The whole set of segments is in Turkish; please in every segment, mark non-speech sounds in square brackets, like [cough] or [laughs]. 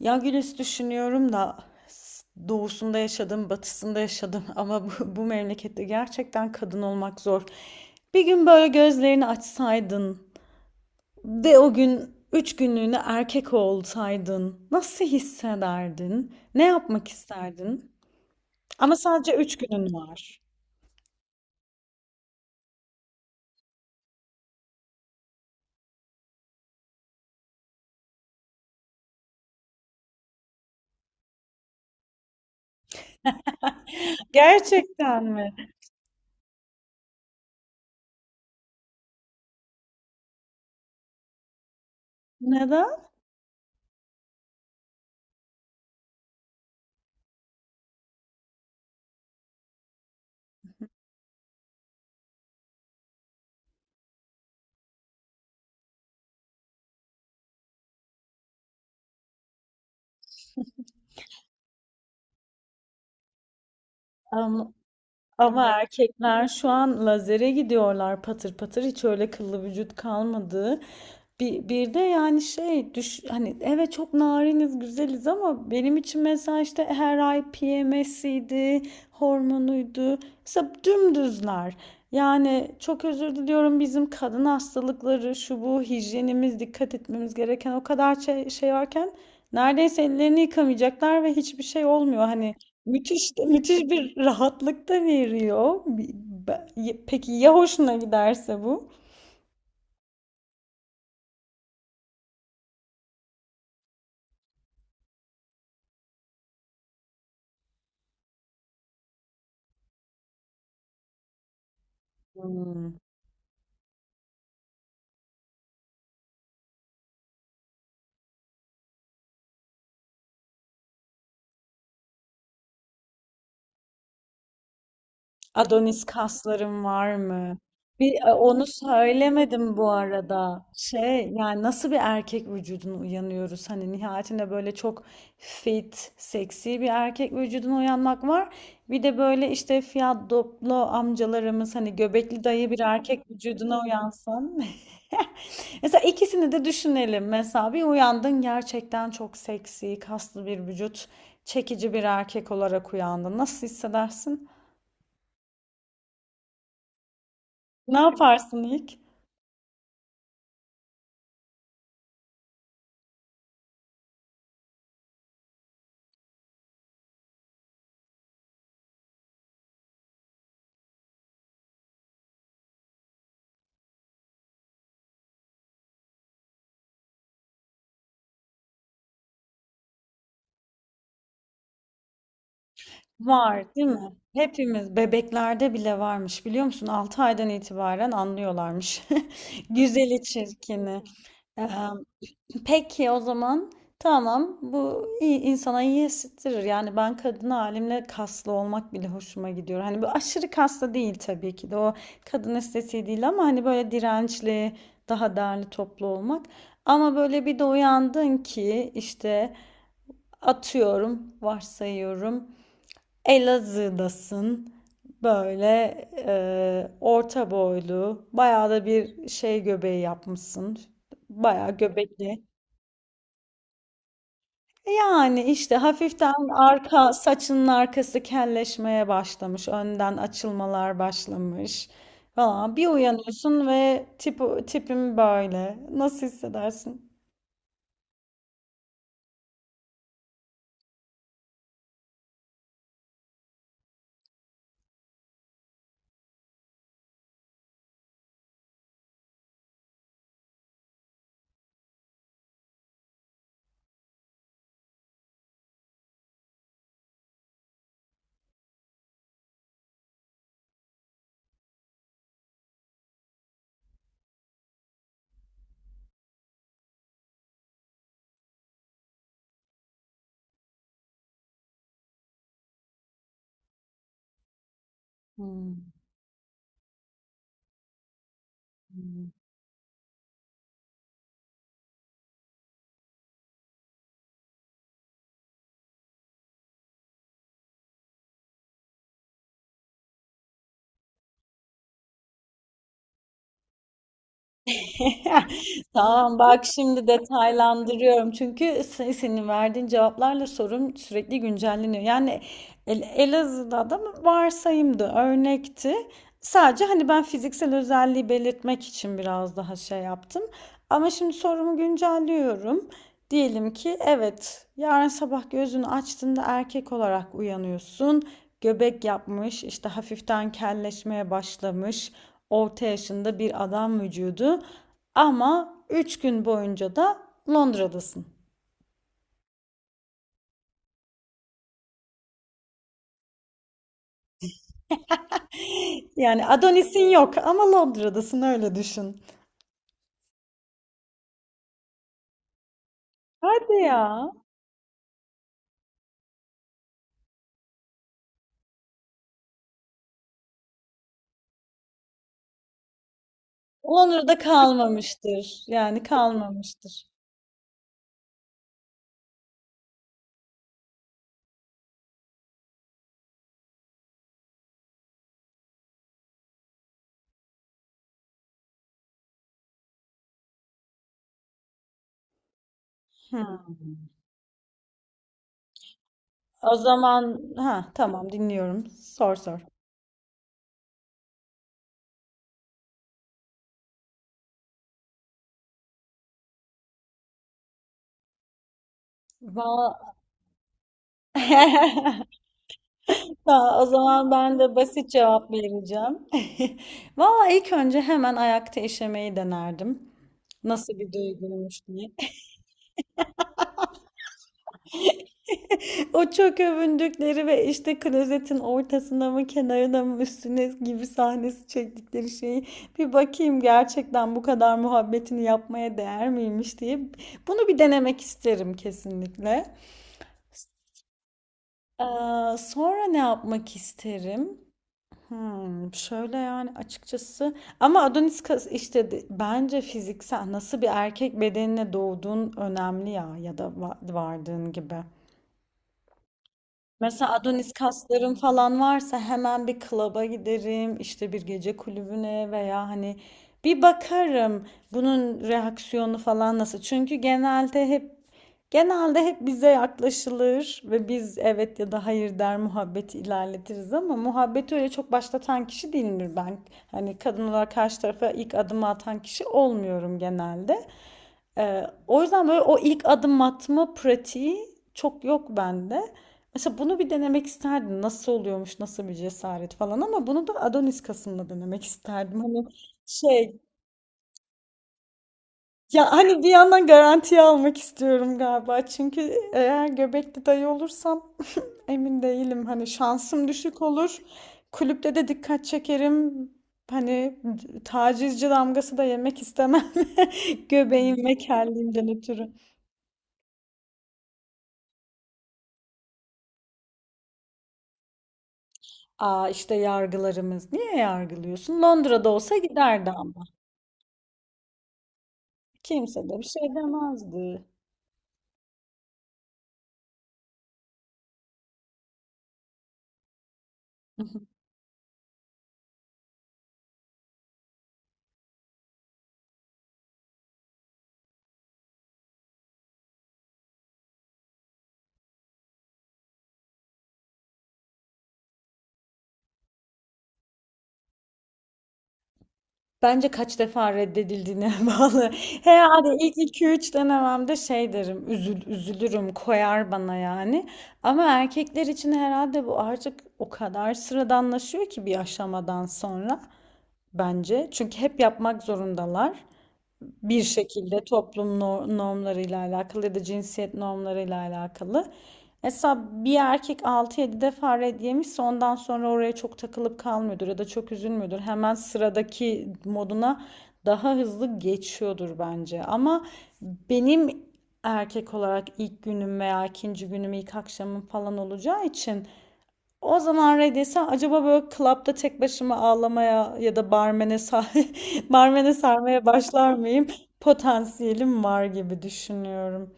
Ya Gülis, düşünüyorum da doğusunda yaşadım, batısında yaşadım [laughs] ama bu memlekette gerçekten kadın olmak zor. Bir gün böyle gözlerini açsaydın ve o gün üç günlüğüne erkek olsaydın nasıl hissederdin? Ne yapmak isterdin? Ama sadece üç günün var. [laughs] Gerçekten mi? Neden? Ama evet, erkekler şu an lazere gidiyorlar, patır patır hiç öyle kıllı vücut kalmadı. Bir de yani şey düş hani evet, çok nariniz, güzeliz ama benim için mesela işte her ay PMS'iydi, hormonuydu. Mesela dümdüzler. Yani çok özür diliyorum, bizim kadın hastalıkları, şu bu, hijyenimiz, dikkat etmemiz gereken o kadar şey varken neredeyse ellerini yıkamayacaklar ve hiçbir şey olmuyor. Hani müthiş müthiş bir rahatlık da veriyor. Be- Peki ya hoşuna giderse bu? Hmm. Adonis kaslarım var mı? Bir onu söylemedim bu arada. Şey, yani nasıl bir erkek vücuduna uyanıyoruz? Hani nihayetinde böyle çok fit, seksi bir erkek vücuduna uyanmak var. Bir de böyle işte fiyadoplo amcalarımız, hani göbekli dayı bir erkek vücuduna uyansan. [laughs] Mesela ikisini de düşünelim. Mesela bir uyandın, gerçekten çok seksi, kaslı bir vücut, çekici bir erkek olarak uyandın. Nasıl hissedersin? Ne yaparsın ilk? Var, değil mi? Hepimiz, bebeklerde bile varmış, biliyor musun? 6 aydan itibaren anlıyorlarmış. [laughs] Güzeli çirkini. Eee, peki o zaman tamam, bu iyi, insana iyi hissettirir. Yani ben kadın halimle kaslı olmak bile hoşuma gidiyor. Hani bu aşırı kaslı değil tabii ki de, o kadın estetiği değil ama hani böyle dirençli, daha derli toplu olmak. Ama böyle bir de uyandın ki işte, atıyorum, varsayıyorum, Elazığ'dasın. Böyle orta boylu, bayağı da bir şey göbeği yapmışsın. Bayağı göbekli. Yani işte hafiften arka saçının arkası kelleşmeye başlamış, önden açılmalar başlamış falan. Bir uyanıyorsun ve tipim böyle. Nasıl hissedersin? Hmm. [laughs] Tamam bak, şimdi detaylandırıyorum. Çünkü senin verdiğin cevaplarla sorum sürekli güncelleniyor. Yani Elazığ'da da mı? Varsayımdı, örnekti. Sadece hani ben fiziksel özelliği belirtmek için biraz daha şey yaptım. Ama şimdi sorumu güncelliyorum. Diyelim ki evet, yarın sabah gözünü açtığında erkek olarak uyanıyorsun. Göbek yapmış, işte hafiften kelleşmeye başlamış, orta yaşında bir adam vücudu, ama 3 gün boyunca da Londra'dasın. Yani Adonis'in yok ama Londra'dasın, öyle düşün. Hadi ya. Londra'da kalmamıştır. Yani kalmamıştır. Hı. O zaman ha tamam, dinliyorum. Sor sor. Va- [laughs] Tamam, o zaman ben de basit cevap vereceğim. [laughs] Valla ilk önce hemen ayakta işemeyi denerdim. Nasıl bir duyguymuş diye. O çok övündükleri ve işte klozetin ortasına mı, kenarına mı, üstüne gibi sahnesi çektikleri şeyi bir bakayım, gerçekten bu kadar muhabbetini yapmaya değer miymiş diye, bunu bir denemek isterim kesinlikle. Sonra ne yapmak isterim? Hmm, şöyle, yani açıkçası, ama Adonis kas- işte de- bence fiziksel, nasıl bir erkek bedenine doğduğun önemli ya, ya da vardığın gibi. Mesela Adonis kaslarım falan varsa hemen bir klaba giderim, işte bir gece kulübüne, veya hani bir bakarım bunun reaksiyonu falan nasıl. Çünkü genelde hep bize yaklaşılır ve biz evet ya da hayır der, muhabbeti ilerletiriz, ama muhabbeti öyle çok başlatan kişi değilimdir ben. Hani kadın olarak karşı tarafa ilk adımı atan kişi olmuyorum genelde. Ee, O yüzden böyle o ilk adım atma pratiği çok yok bende. Mesela bunu bir denemek isterdim. Nasıl oluyormuş, nasıl bir cesaret falan, ama bunu da Adonis kasımla denemek isterdim. Hani şey, ya hani bir yandan garantiye almak istiyorum galiba. Çünkü eğer göbekli dayı olursam [laughs] emin değilim. Hani şansım düşük olur. Kulüpte de dikkat çekerim. Hani tacizci damgası da yemek istemem. [laughs] Göbeğim ve kelliğimden ötürü. Aa, işte yargılarımız. Niye yargılıyorsun? Londra'da olsa giderdi, kimse de bir şey demezdi. [laughs] Bence kaç defa reddedildiğine [laughs] bağlı. He hadi, ilk iki üç denememde şey derim, üzülürüm, koyar bana yani. Ama erkekler için herhalde bu artık o kadar sıradanlaşıyor ki bir aşamadan sonra, bence. Çünkü hep yapmak zorundalar, bir şekilde toplum normlarıyla alakalı ya da cinsiyet normlarıyla alakalı. Mesela bir erkek 6-7 defa red yemişse ondan sonra oraya çok takılıp kalmıyordur ya da çok üzülmüyordur. Hemen sıradaki moduna daha hızlı geçiyordur bence. Ama benim erkek olarak ilk günüm veya ikinci günüm, ilk akşamım falan olacağı için, o zaman Ray desem, acaba böyle klapta tek başıma ağlamaya ya da barmene sar [laughs] barmene sarmaya başlar mıyım? Potansiyelim var gibi düşünüyorum.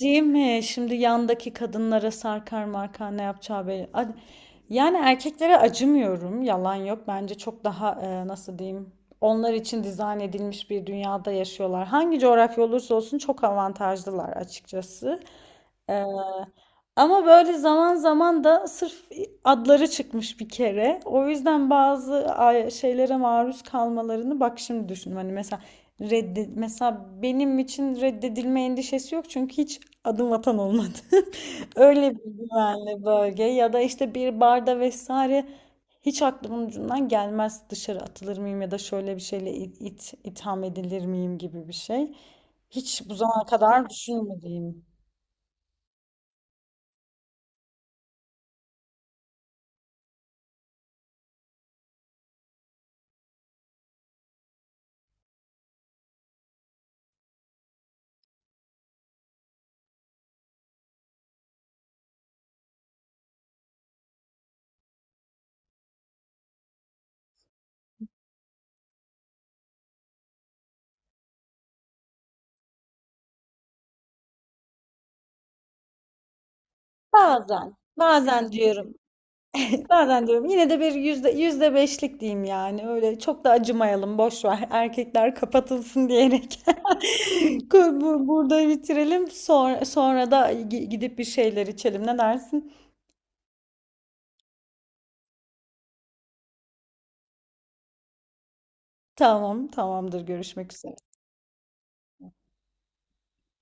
Değil mi? Şimdi yandaki kadınlara sarkar markar, ne yapacağı belli. Yani erkeklere acımıyorum. Yalan yok. Bence çok daha nasıl diyeyim? Onlar için dizayn edilmiş bir dünyada yaşıyorlar. Hangi coğrafya olursa olsun çok avantajlılar açıkçası. Ee, Ama böyle zaman zaman da sırf adları çıkmış bir kere. O yüzden bazı şeylere maruz kalmalarını, bak şimdi düşündüm. Hani mesela redde mesela benim için reddedilme endişesi yok, çünkü hiç adım atan olmadı. [laughs] Öyle bir güvenli bölge ya da işte bir barda vesaire, hiç aklımın ucundan gelmez dışarı atılır mıyım ya da şöyle bir şeyle itham edilir miyim gibi bir şey. Hiç bu zamana kadar düşünmediğim. Bazen diyorum. [laughs] Bazen diyorum. Yine de bir yüzde beşlik diyeyim yani. Öyle çok da acımayalım. Boş ver. [laughs] Erkekler kapatılsın diyerek. [laughs] Burada bitirelim. Sonra da gidip bir şeyler içelim. Ne dersin? Tamam, tamamdır. Görüşmek üzere.